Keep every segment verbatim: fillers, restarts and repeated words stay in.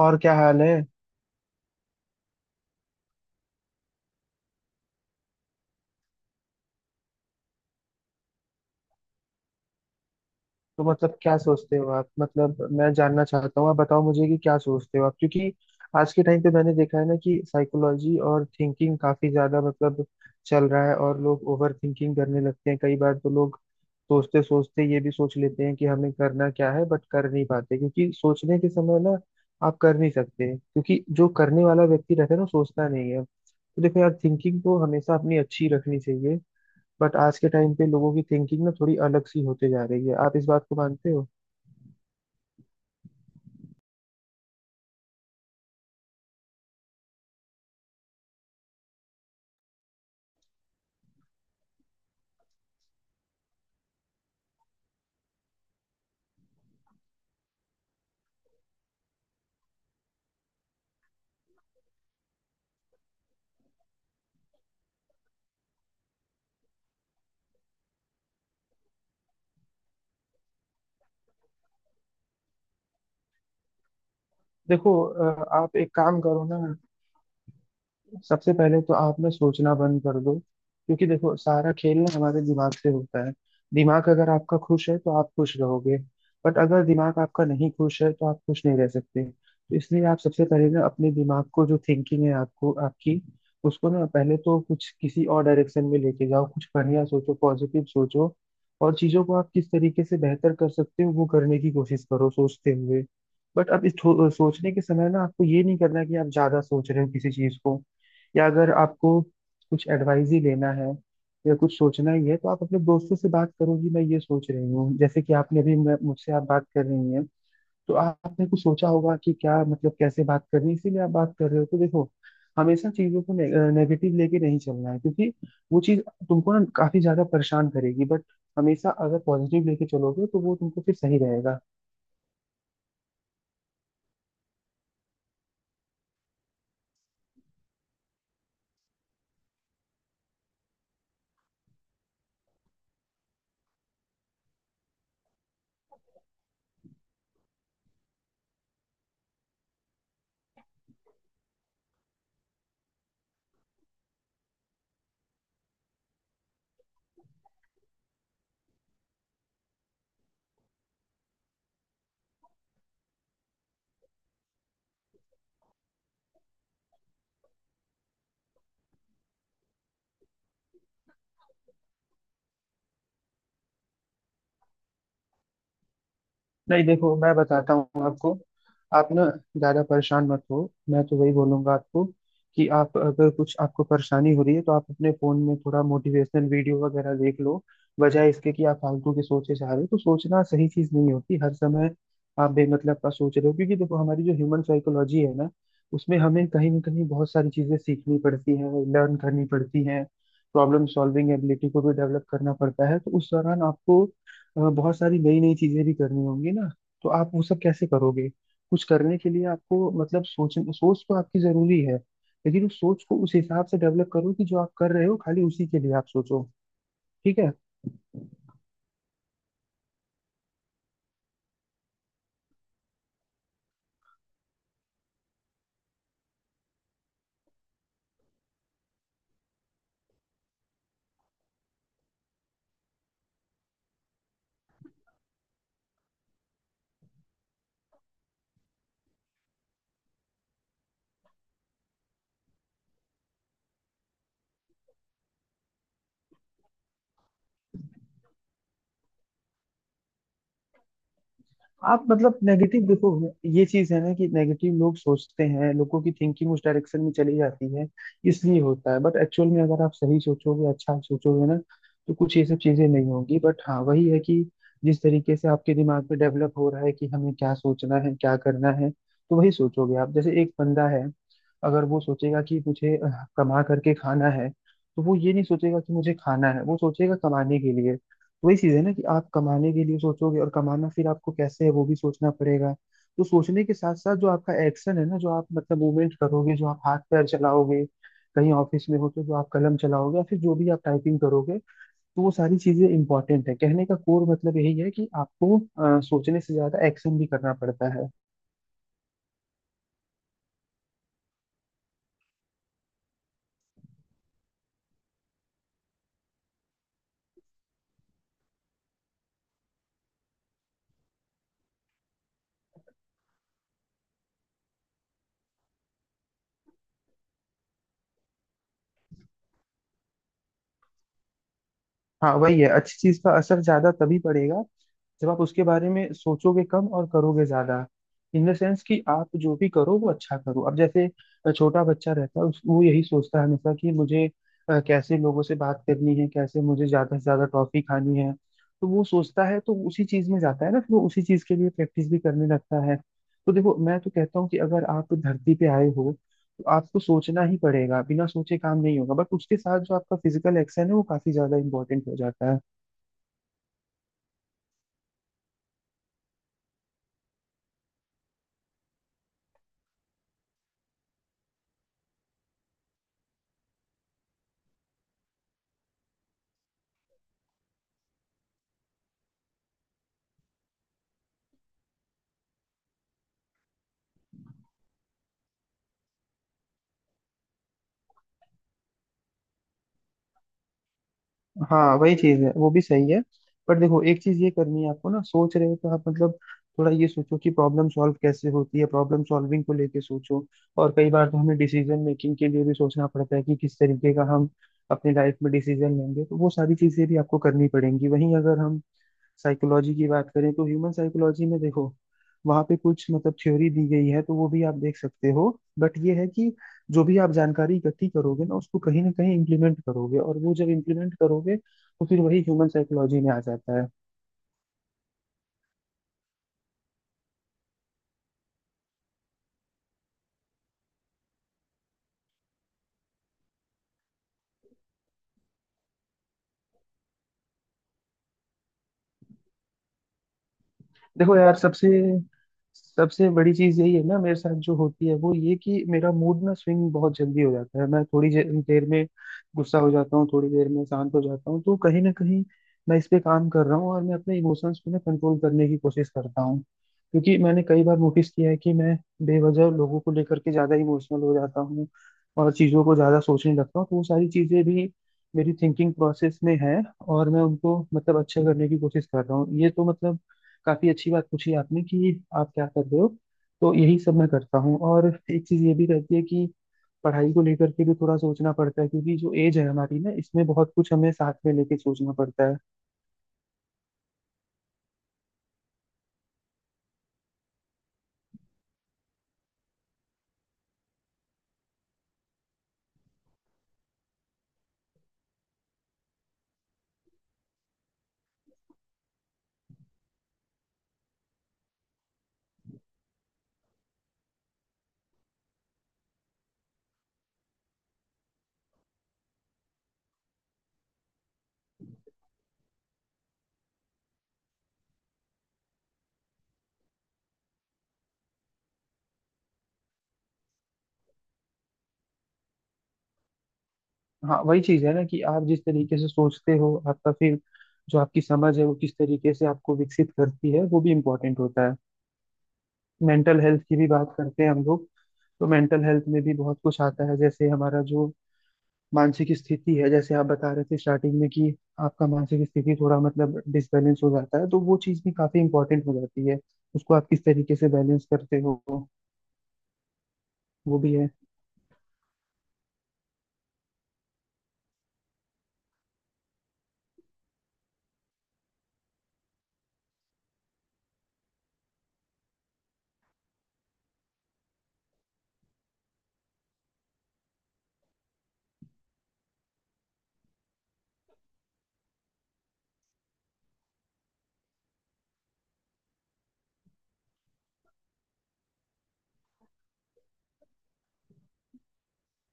और क्या हाल है। तो मतलब क्या सोचते हो आप? मतलब मैं जानना चाहता हूँ, आप बताओ मुझे कि क्या सोचते हो आप, क्योंकि आज के टाइम पे मैंने देखा है ना कि साइकोलॉजी और थिंकिंग काफी ज्यादा मतलब चल रहा है। और लोग ओवर थिंकिंग करने लगते हैं, कई बार तो लोग सोचते सोचते ये भी सोच लेते हैं कि हमें करना क्या है, बट कर नहीं पाते क्योंकि सोचने के समय ना आप कर नहीं सकते, क्योंकि जो करने वाला व्यक्ति रहता है ना वो सोचता नहीं है। तो देखो यार, थिंकिंग तो हमेशा अपनी अच्छी रखनी चाहिए, बट आज के टाइम पे लोगों की थिंकिंग ना थोड़ी अलग सी होते जा रही है। आप इस बात को मानते हो? देखो अ, आप एक काम करो ना, सबसे पहले तो आप ना सोचना बंद कर दो, क्योंकि देखो सारा खेल ना हमारे दिमाग से होता है। दिमाग अगर आपका खुश है तो आप खुश रहोगे, बट अगर दिमाग आपका नहीं खुश है तो आप खुश नहीं रह सकते। तो इसलिए आप सबसे पहले ना अपने दिमाग को, जो थिंकिंग है आपको आपकी, उसको ना पहले तो कुछ किसी और डायरेक्शन में लेके जाओ, कुछ बढ़िया सोचो, पॉजिटिव सोचो। और चीजों को आप किस तरीके से बेहतर कर सकते हो, वो करने की कोशिश करो सोचते हुए। बट अब इस थो- सोचने के समय ना आपको ये नहीं करना कि आप ज्यादा सोच रहे हो किसी चीज को। या अगर आपको कुछ एडवाइस ही लेना है या कुछ सोचना ही है तो आप अपने दोस्तों से बात करोगी, मैं ये सोच रही हूँ, जैसे कि आपने अभी मैं- मुझसे आप बात कर रही हैं, तो आपने कुछ सोचा होगा कि क्या मतलब कैसे बात करनी है, इसीलिए आप बात कर रहे हो। तो देखो, हमेशा चीजों को ने, नेगेटिव लेके नहीं चलना है, क्योंकि वो चीज तुमको ना काफी ज्यादा परेशान करेगी। बट हमेशा अगर पॉजिटिव लेके चलोगे तो वो तुमको फिर सही रहेगा। नहीं देखो, मैं बताता हूँ आपको, आप ना ज्यादा परेशान मत हो। मैं तो वही बोलूंगा आपको कि आप अगर, कुछ आपको परेशानी हो रही है, तो आप अपने फोन में थोड़ा मोटिवेशनल वीडियो वगैरह देख लो, बजाय इसके कि आप फालतू की सोचे जा रहे हो। तो सोचना सही चीज नहीं होती हर समय, आप बेमतलब का सोच रहे हो। क्योंकि देखो, हमारी जो ह्यूमन साइकोलॉजी है ना, उसमें हमें कहीं ना कहीं बहुत सारी चीजें सीखनी पड़ती हैं, लर्न करनी पड़ती हैं। प्रॉब्लम सॉल्विंग एबिलिटी को भी डेवलप करना पड़ता है। तो उस दौरान आपको अ, बहुत सारी नई नई चीजें भी करनी होंगी ना, तो आप वो सब कैसे करोगे? कुछ करने के लिए आपको मतलब सोच, सोच तो आपकी जरूरी है, लेकिन उस सोच को उस हिसाब से डेवलप करो कि जो आप कर रहे हो, खाली उसी के लिए आप सोचो। ठीक है। आप मतलब नेगेटिव, देखो ये चीज है ना कि नेगेटिव लोग सोचते हैं, लोगों की थिंकिंग उस डायरेक्शन में चली जाती है, इसलिए होता है। बट एक्चुअल में अगर आप सही सोचोगे, अच्छा सोचोगे ना, तो कुछ ये सब चीजें नहीं होंगी। बट हाँ, वही है कि जिस तरीके से आपके दिमाग में डेवलप हो रहा है कि हमें क्या सोचना है क्या करना है, तो वही सोचोगे आप। जैसे एक बंदा है, अगर वो सोचेगा कि मुझे अह, कमा करके खाना है, तो वो ये नहीं सोचेगा कि मुझे खाना है, वो सोचेगा कमाने के लिए। वही चीज है ना कि आप कमाने के लिए सोचोगे, और कमाना फिर आपको कैसे है वो भी सोचना पड़ेगा। तो सोचने के साथ साथ जो आपका एक्शन है ना, जो आप मतलब मूवमेंट करोगे, जो आप हाथ पैर चलाओगे, कहीं ऑफिस में हो तो जो आप कलम चलाओगे या फिर जो भी आप टाइपिंग करोगे, तो वो सारी चीजें इंपॉर्टेंट है। कहने का कोर मतलब यही है कि आपको अ, सोचने से ज्यादा एक्शन भी करना पड़ता है। हाँ वही है, अच्छी चीज का असर ज्यादा तभी पड़ेगा जब आप उसके बारे में सोचोगे कम और करोगे ज्यादा। इन द सेंस कि आप जो भी करो वो अच्छा करो। अब जैसे अ, छोटा बच्चा रहता है, उस- वो यही सोचता है हमेशा कि मुझे अ, कैसे लोगों से बात करनी है, कैसे मुझे ज्यादा से ज्यादा टॉफी खानी है। तो वो सोचता है तो उसी चीज में जाता है ना, फिर वो उसी चीज के लिए प्रैक्टिस भी करने लगता है। तो देखो, मैं तो कहता हूँ कि अगर आप धरती पे आए हो तो आपको सोचना ही पड़ेगा, बिना सोचे काम नहीं होगा। बट उसके साथ जो आपका फिजिकल एक्शन है वो काफी ज्यादा इंपॉर्टेंट हो जाता है। हाँ वही चीज है, वो भी सही है। पर देखो, एक चीज ये करनी है आपको, ना सोच रहे हो तो आप मतलब थोड़ा ये सोचो कि प्रॉब्लम सॉल्व कैसे होती है, प्रॉब्लम सॉल्विंग को लेके सोचो। और कई बार तो हमें डिसीजन मेकिंग के लिए भी सोचना पड़ता है कि किस तरीके का हम अपनी लाइफ में डिसीजन लेंगे, तो वो सारी चीजें भी आपको करनी पड़ेंगी। वहीं अगर हम साइकोलॉजी की बात करें तो ह्यूमन साइकोलॉजी में देखो, वहां पे कुछ मतलब थ्योरी दी गई है, तो वो भी आप देख सकते हो। बट ये है कि जो भी आप जानकारी इकट्ठी करोगे ना, उसको कहीं ना कहीं इम्प्लीमेंट करोगे, और वो जब इम्प्लीमेंट करोगे तो फिर वही ह्यूमन साइकोलॉजी में आ जाता है। देखो यार, सबसे सबसे बड़ी चीज यही है ना, मेरे साथ जो होती है वो ये कि मेरा मूड ना स्विंग बहुत जल्दी हो जाता है। मैं थोड़ी जे- देर में गुस्सा हो जाता हूँ, थोड़ी देर में शांत हो जाता हूँ। तो कहीं ना कहीं मैं इस पे काम कर रहा हूँ, और मैं अपने इमोशंस को ना कंट्रोल करने की कोशिश करता हूँ, क्योंकि मैंने कई बार नोटिस किया है कि मैं बेवजह लोगों को लेकर के ज्यादा इमोशनल हो जाता हूँ, और चीजों को ज्यादा सोचने लगता हूँ। तो वो सारी चीजें भी मेरी थिंकिंग प्रोसेस में है, और मैं उनको मतलब अच्छा करने की कोशिश कर रहा हूँ। ये तो मतलब काफी अच्छी बात पूछी आपने कि आप क्या कर रहे हो, तो यही सब मैं करता हूँ। और एक चीज ये भी रहती है कि पढ़ाई को लेकर के भी थोड़ा सोचना पड़ता है, क्योंकि जो एज है हमारी ना, इसमें बहुत कुछ हमें साथ में लेके सोचना पड़ता है। हाँ वही चीज है ना कि आप जिस तरीके से सोचते हो, आपका फिर जो आपकी समझ है वो किस तरीके से आपको विकसित करती है, वो भी इम्पोर्टेंट होता है। मेंटल हेल्थ की भी बात करते हैं हम लोग, तो मेंटल हेल्थ में भी बहुत कुछ आता है। जैसे हमारा जो मानसिक स्थिति है, जैसे आप बता रहे थे स्टार्टिंग में कि आपका मानसिक स्थिति थोड़ा मतलब डिसबैलेंस हो जाता है, तो वो चीज़ भी काफी इंपॉर्टेंट हो जाती है। उसको आप किस तरीके से बैलेंस करते हो, वो भी है।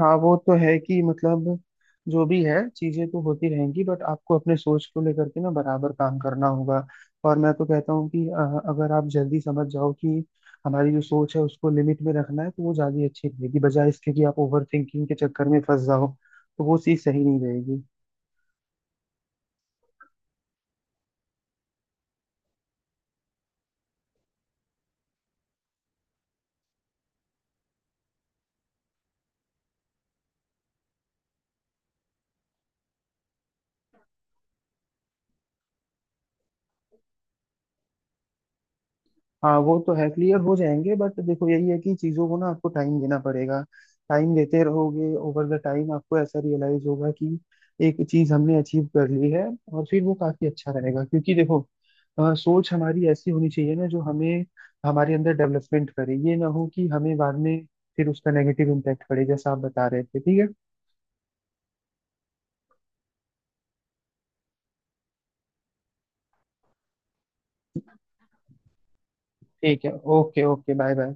हाँ वो तो है कि, मतलब जो भी है चीजें तो होती रहेंगी, बट आपको अपने सोच को लेकर के ना बराबर काम करना होगा। और मैं तो कहता हूँ कि अ, अगर आप जल्दी समझ जाओ कि हमारी जो सोच है उसको लिमिट में रखना है, तो वो ज्यादा अच्छी रहेगी, बजाय इसके कि आप ओवर थिंकिंग के चक्कर में फंस जाओ, तो वो चीज़ सही नहीं रहेगी। हाँ वो तो है, क्लियर हो जाएंगे। बट देखो, यही है कि चीज़ों को ना आपको टाइम देना पड़ेगा, टाइम देते रहोगे, ओवर द टाइम आपको ऐसा रियलाइज होगा कि एक चीज़ हमने अचीव कर ली है, और फिर वो काफ़ी अच्छा रहेगा। क्योंकि देखो अ, सोच हमारी ऐसी होनी चाहिए ना जो हमें हमारे अंदर डेवलपमेंट करे, ये ना हो कि हमें बाद में फिर उसका नेगेटिव इम्पैक्ट पड़े, जैसा आप बता रहे थे। ठीक है। ठीक है, ओके ओके, बाय बाय।